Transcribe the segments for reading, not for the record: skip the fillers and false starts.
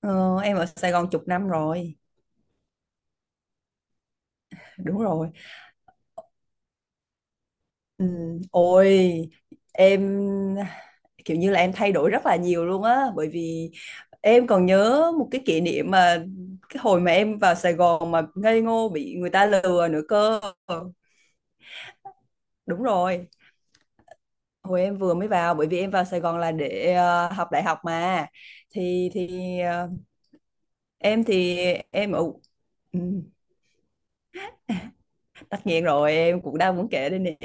Ờ, em ở Sài Gòn chục năm rồi, đúng rồi. Ừ, ôi em kiểu như là em thay đổi rất là nhiều luôn á, bởi vì em còn nhớ một cái kỷ niệm mà cái hồi mà em vào Sài Gòn mà ngây ngô bị người ta lừa nữa cơ. Đúng rồi, hồi em vừa mới vào, bởi vì em vào Sài Gòn là để học đại học mà. thì thì ờ, em thì em ở, ừ. Tất nhiên rồi, em cũng đang muốn kể đây nè.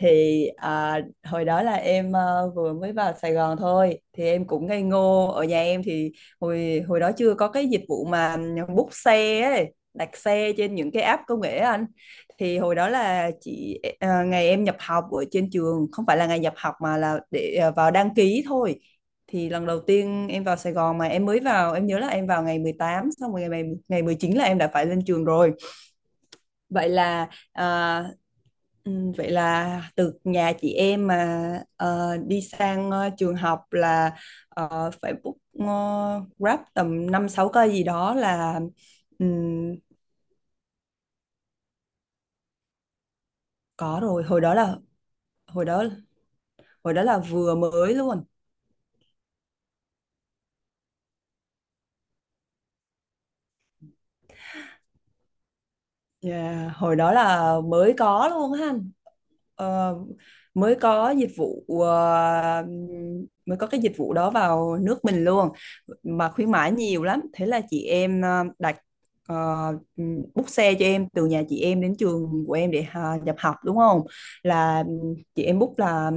Hồi đó là em vừa mới vào Sài Gòn thôi, thì em cũng ngây ngô. Ở nhà em thì hồi hồi đó chưa có cái dịch vụ mà book xe ấy, đặt xe trên những cái app công nghệ á anh. Thì hồi đó là chị, ngày em nhập học ở trên trường, không phải là ngày nhập học mà là để vào đăng ký thôi. Thì lần đầu tiên em vào Sài Gòn, mà em mới vào, em nhớ là em vào ngày 18, xong rồi ngày ngày 19 là em đã phải lên trường rồi. Vậy là à, Ừ, vậy là từ nhà chị em mà đi sang trường học là phải book, Grab tầm 5 6 cây gì đó là. ừm, có rồi, hồi đó là, hồi đó, hồi đó là vừa mới luôn. Dạ, hồi đó là mới có luôn ha. ờ, Mới có dịch vụ, mới có cái dịch vụ đó vào nước mình luôn, mà khuyến mãi nhiều lắm. Thế là chị em đặt, ờ, book xe cho em từ nhà chị em đến trường của em để nhập học đúng không. Là chị em book là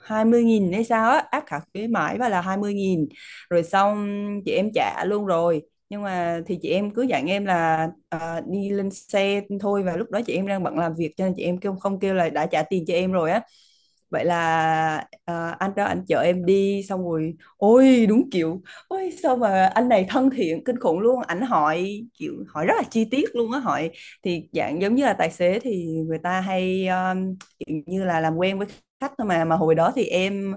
20.000 hay sao á, áp cả khuyến mãi và là 20.000, rồi xong chị em trả luôn rồi. Nhưng mà thì chị em cứ dặn em là đi lên xe thôi, và lúc đó chị em đang bận làm việc cho nên chị em kêu không, kêu là đã trả tiền cho em rồi á. Vậy là anh đó anh chở em đi, xong rồi ôi đúng kiểu, ôi sao mà anh này thân thiện kinh khủng luôn. Ảnh hỏi kiểu hỏi rất là chi tiết luôn á, hỏi thì dạng giống như là tài xế thì người ta hay kiểu như là làm quen với khách thôi mà. mà hồi đó thì em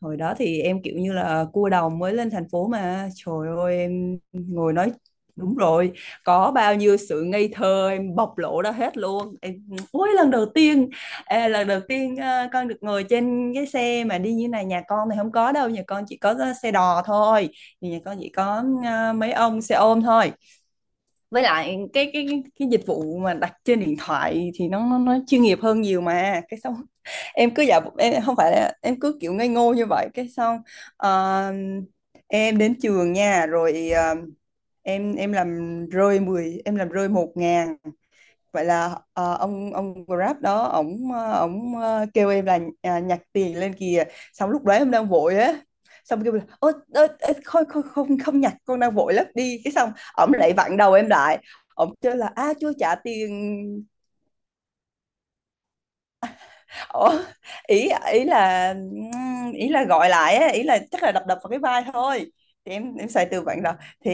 hồi đó thì em kiểu như là cua đồng mới lên thành phố, mà trời ơi em ngồi nói, đúng rồi, có bao nhiêu sự ngây thơ em bộc lộ ra hết luôn. Ôi lần đầu tiên, con được ngồi trên cái xe mà đi như này, nhà con thì không có đâu, nhà con chỉ có xe đò thôi, thì nhà con chỉ có mấy ông xe ôm thôi. Với lại cái dịch vụ mà đặt trên điện thoại thì nó chuyên nghiệp hơn nhiều mà, cái xong em cứ giả bộ- em không phải là em cứ kiểu ngây ngô như vậy, cái xong ờ, em đến trường nha. Rồi em làm rơi mười, em làm rơi 1.000. Vậy là ông Grab đó, ổng kêu em là nhặt tiền lên kìa. Xong lúc đấy em đang vội á, xong kêu là ôi, ơ, ơ, không, không không không nhặt, con đang vội lắm đi. Cái xong ổng lại vặn đầu em lại, ổng kêu là a chưa trả tiền. Ủa, ý ý là, ý là gọi lại á, ý là chắc là đập đập vào cái vai thôi. Thì em xài từ vựng rồi. thì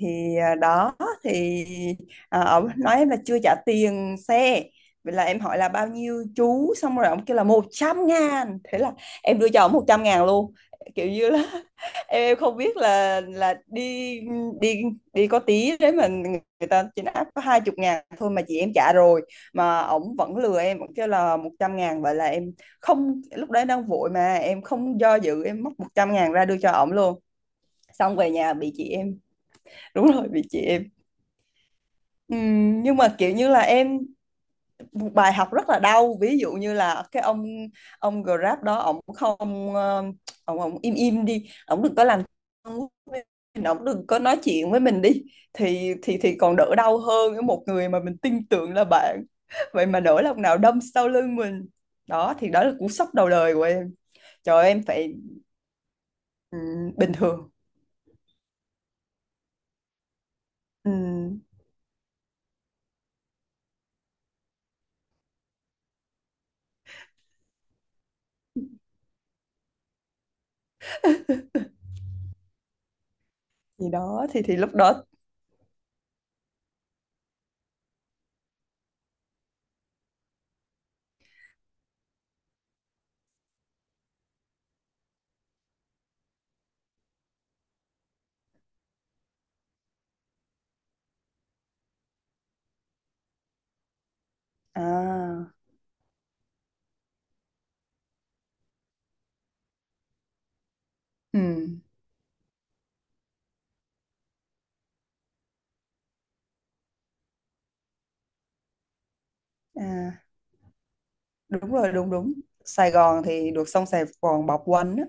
thì à, đó thì à, ông nói em là chưa trả tiền xe. Vậy là em hỏi là bao nhiêu chú, xong rồi ông kêu là 100.000. Thế là em đưa cho ông 100.000 luôn, kiểu như là em không biết là đi đi đi có tí đấy mà, người ta trên app có 20.000 thôi mà chị em trả rồi, mà ổng vẫn lừa em vẫn kêu là 100.000. Vậy là em không, lúc đấy đang vội mà em không do dự, em móc 100.000 ra đưa cho ổng luôn. Xong về nhà bị chị em, đúng rồi, bị chị em. Nhưng mà kiểu như là em, bài học rất là đau. Ví dụ như là cái ông Grab đó, ông không ông ông im im đi, ông đừng có làm, ông đừng có nói chuyện với mình đi, thì thì còn đỡ đau hơn với một người mà mình tin tưởng là bạn, vậy mà nỗi lòng nào đâm sau lưng mình. Đó thì đó là cú sốc đầu đời của em. Trời ơi, em phải, bình thường. Ừm, thì lúc đó, à ừm, à đúng rồi, đúng đúng. Sài Gòn thì được, xong Sài Gòn bọc quanh á.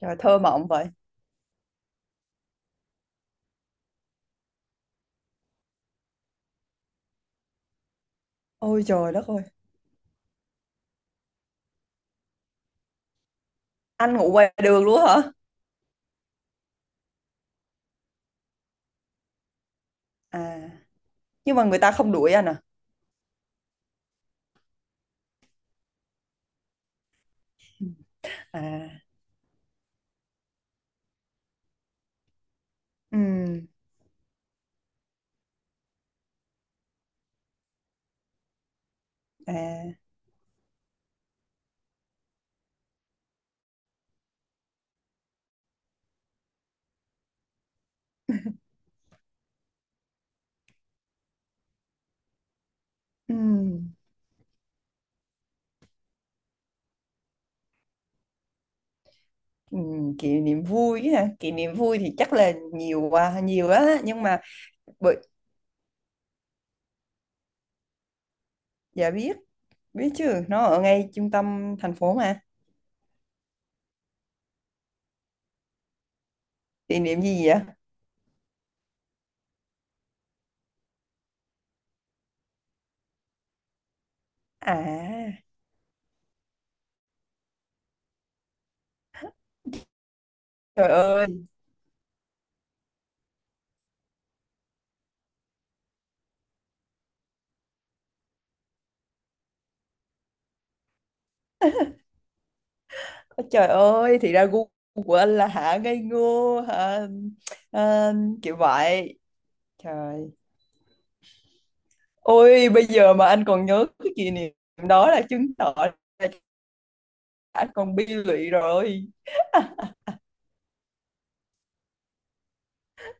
Trời thơ mộng vậy. Ôi trời đất ơi. Anh ngủ ngoài đường luôn hả? À, nhưng mà người ta không đuổi anh à? À, ừm, à, ừm, Kỷ niệm vui ha. Kỷ niệm vui thì chắc là nhiều quá, nhiều á. Nhưng mà bởi, dạ biết, biết chứ. Nó ở ngay trung tâm thành phố mà. Kỷ niệm gì vậy? À, trời ơi, ôi trời ơi, thì ra gu của anh là hả ngây ngô, hả, à, kiểu vậy. Trời, ôi bây giờ mà anh còn nhớ cái kỷ niệm đó là chứng tỏ là anh còn bi lụy rồi.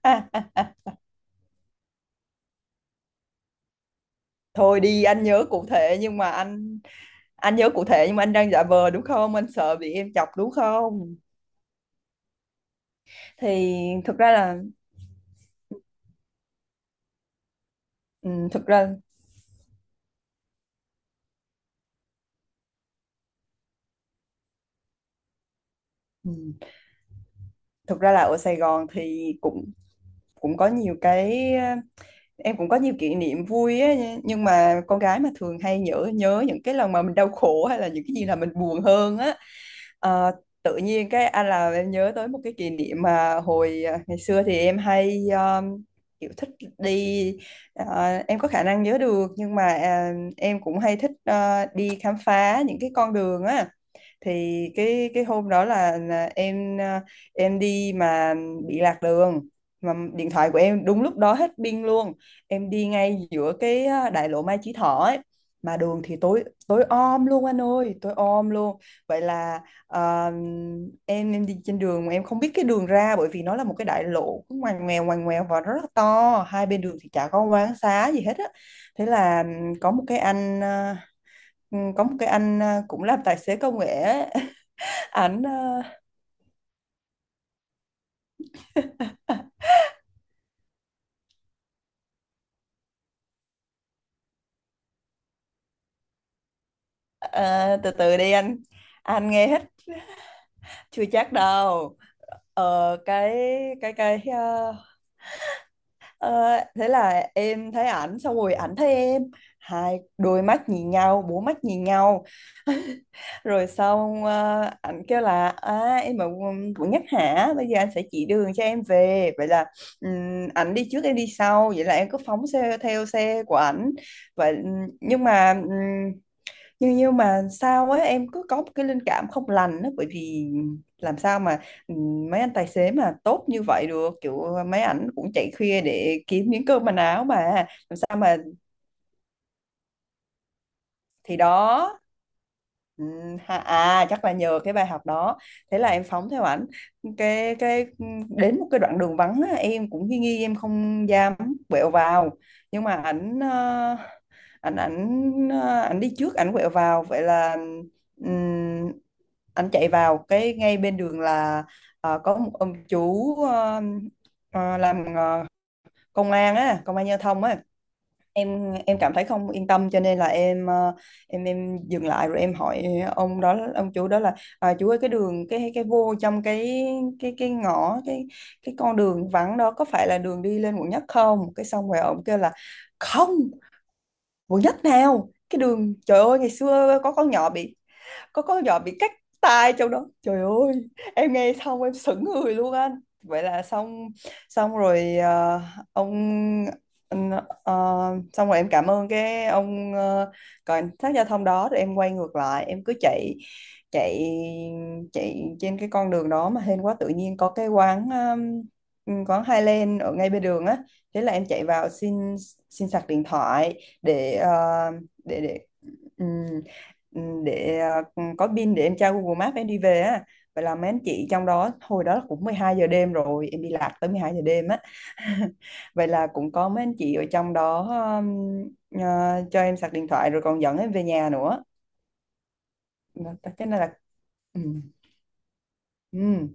À, à, Thôi đi anh nhớ cụ thể, nhưng mà anh nhớ cụ thể nhưng mà anh đang giả vờ đúng không? Anh sợ bị em chọc đúng không? Thì thực ra là ừ, thực ra ừ, thực ra là ở Sài Gòn thì cũng cũng có nhiều cái, em cũng có nhiều kỷ niệm vui á. Nhưng mà con gái mà thường hay nhớ, nhớ những cái lần mà mình đau khổ hay là những cái gì là mình buồn hơn á. Ờ, tự nhiên cái anh là em nhớ tới một cái kỷ niệm mà hồi ngày xưa thì em hay kiểu thích đi, em có khả năng nhớ được, nhưng mà em cũng hay thích đi khám phá những cái con đường á. Thì cái hôm đó là em, em đi mà bị lạc đường, mà điện thoại của em đúng lúc đó hết pin luôn. Em đi ngay giữa cái đại lộ Mai Chí Thọ ấy, mà đường thì tối, tối om luôn anh ơi, tối om luôn. Vậy là Ờ, em đi trên đường mà em không biết cái đường ra, bởi vì nó là một cái đại lộ cứ ngoằn ngoèo và rất là to, hai bên đường thì chả có quán xá gì hết á. Thế là có một cái anh cũng làm tài xế công nghệ á. ảnh ờ, ờ, Từ từ đi anh nghe hết, chưa chắc đâu. ờ, cái cái cái ờ, ờ, Thế là em thấy ảnh, xong rồi ảnh thấy em, hai đôi mắt nhìn nhau, bốn mắt nhìn nhau. Rồi xong ảnh kêu là em ở quận quận Nhất hả, bây giờ anh sẽ chỉ đường cho em về. Vậy là ảnh đi trước em đi sau, vậy là em cứ phóng xe theo xe của ảnh. Vậy ừm, nhưng mà ừm, nhưng nhưng mà sao á, em cứ có một cái linh cảm không lành đó, bởi vì làm sao mà, mấy anh tài xế mà tốt như vậy được, kiểu mấy ảnh cũng chạy khuya để kiếm miếng cơm manh áo mà, làm sao mà. Thì đó. Ừ, ha, à chắc là nhờ cái bài học đó. Thế là em phóng theo ảnh, cái đến một cái đoạn đường vắng á, em cũng nghi nghi, em không dám quẹo vào. Nhưng mà ảnh đi trước ảnh quẹo vào. Vậy là ừm, ảnh chạy vào cái ngay bên đường là có một ông chú, làm công an á, công an giao thông á. Em cảm thấy không yên tâm cho nên là em, em dừng lại rồi em hỏi ông đó, ông chủ đó là chú ơi cái đường, cái vô trong cái ngõ, cái con đường vắng đó có phải là đường đi lên quận nhất không. Cái xong rồi ông kêu là không, quận nhất nào, cái đường trời ơi ngày xưa có con nhỏ bị, có con nhỏ bị cắt tai trong đó trời ơi. Em nghe xong em sững người luôn anh. Vậy là xong, xong rồi ông anh, ờ, xong rồi em cảm ơn cái ông cảnh sát giao thông đó, rồi em quay ngược lại em cứ chạy, chạy chạy trên cái con đường đó, mà hên quá tự nhiên có cái quán, quán Highland ở ngay bên đường á. Thế là em chạy vào xin, xin sạc điện thoại để để để ừ, để ờ, có pin để em tra Google Maps em đi về á. Vậy là mấy anh chị trong đó, hồi đó cũng 12 giờ đêm rồi, em đi lạc tới 12 giờ đêm á. Vậy là cũng có mấy anh chị ở trong đó um, ờ, cho em sạc điện thoại rồi còn dẫn em về nhà nữa. Cái này là ừ, ừ,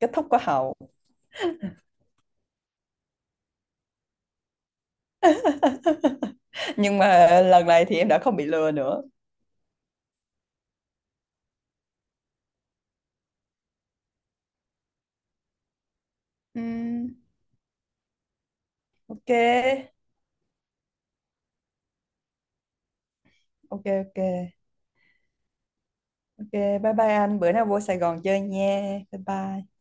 kết thúc có hậu. Nhưng mà lần này thì em đã không bị lừa nữa. Ừm, ok ok ok ok, bye bye anh, bữa nào vô Sài Gòn chơi nha, bye bye.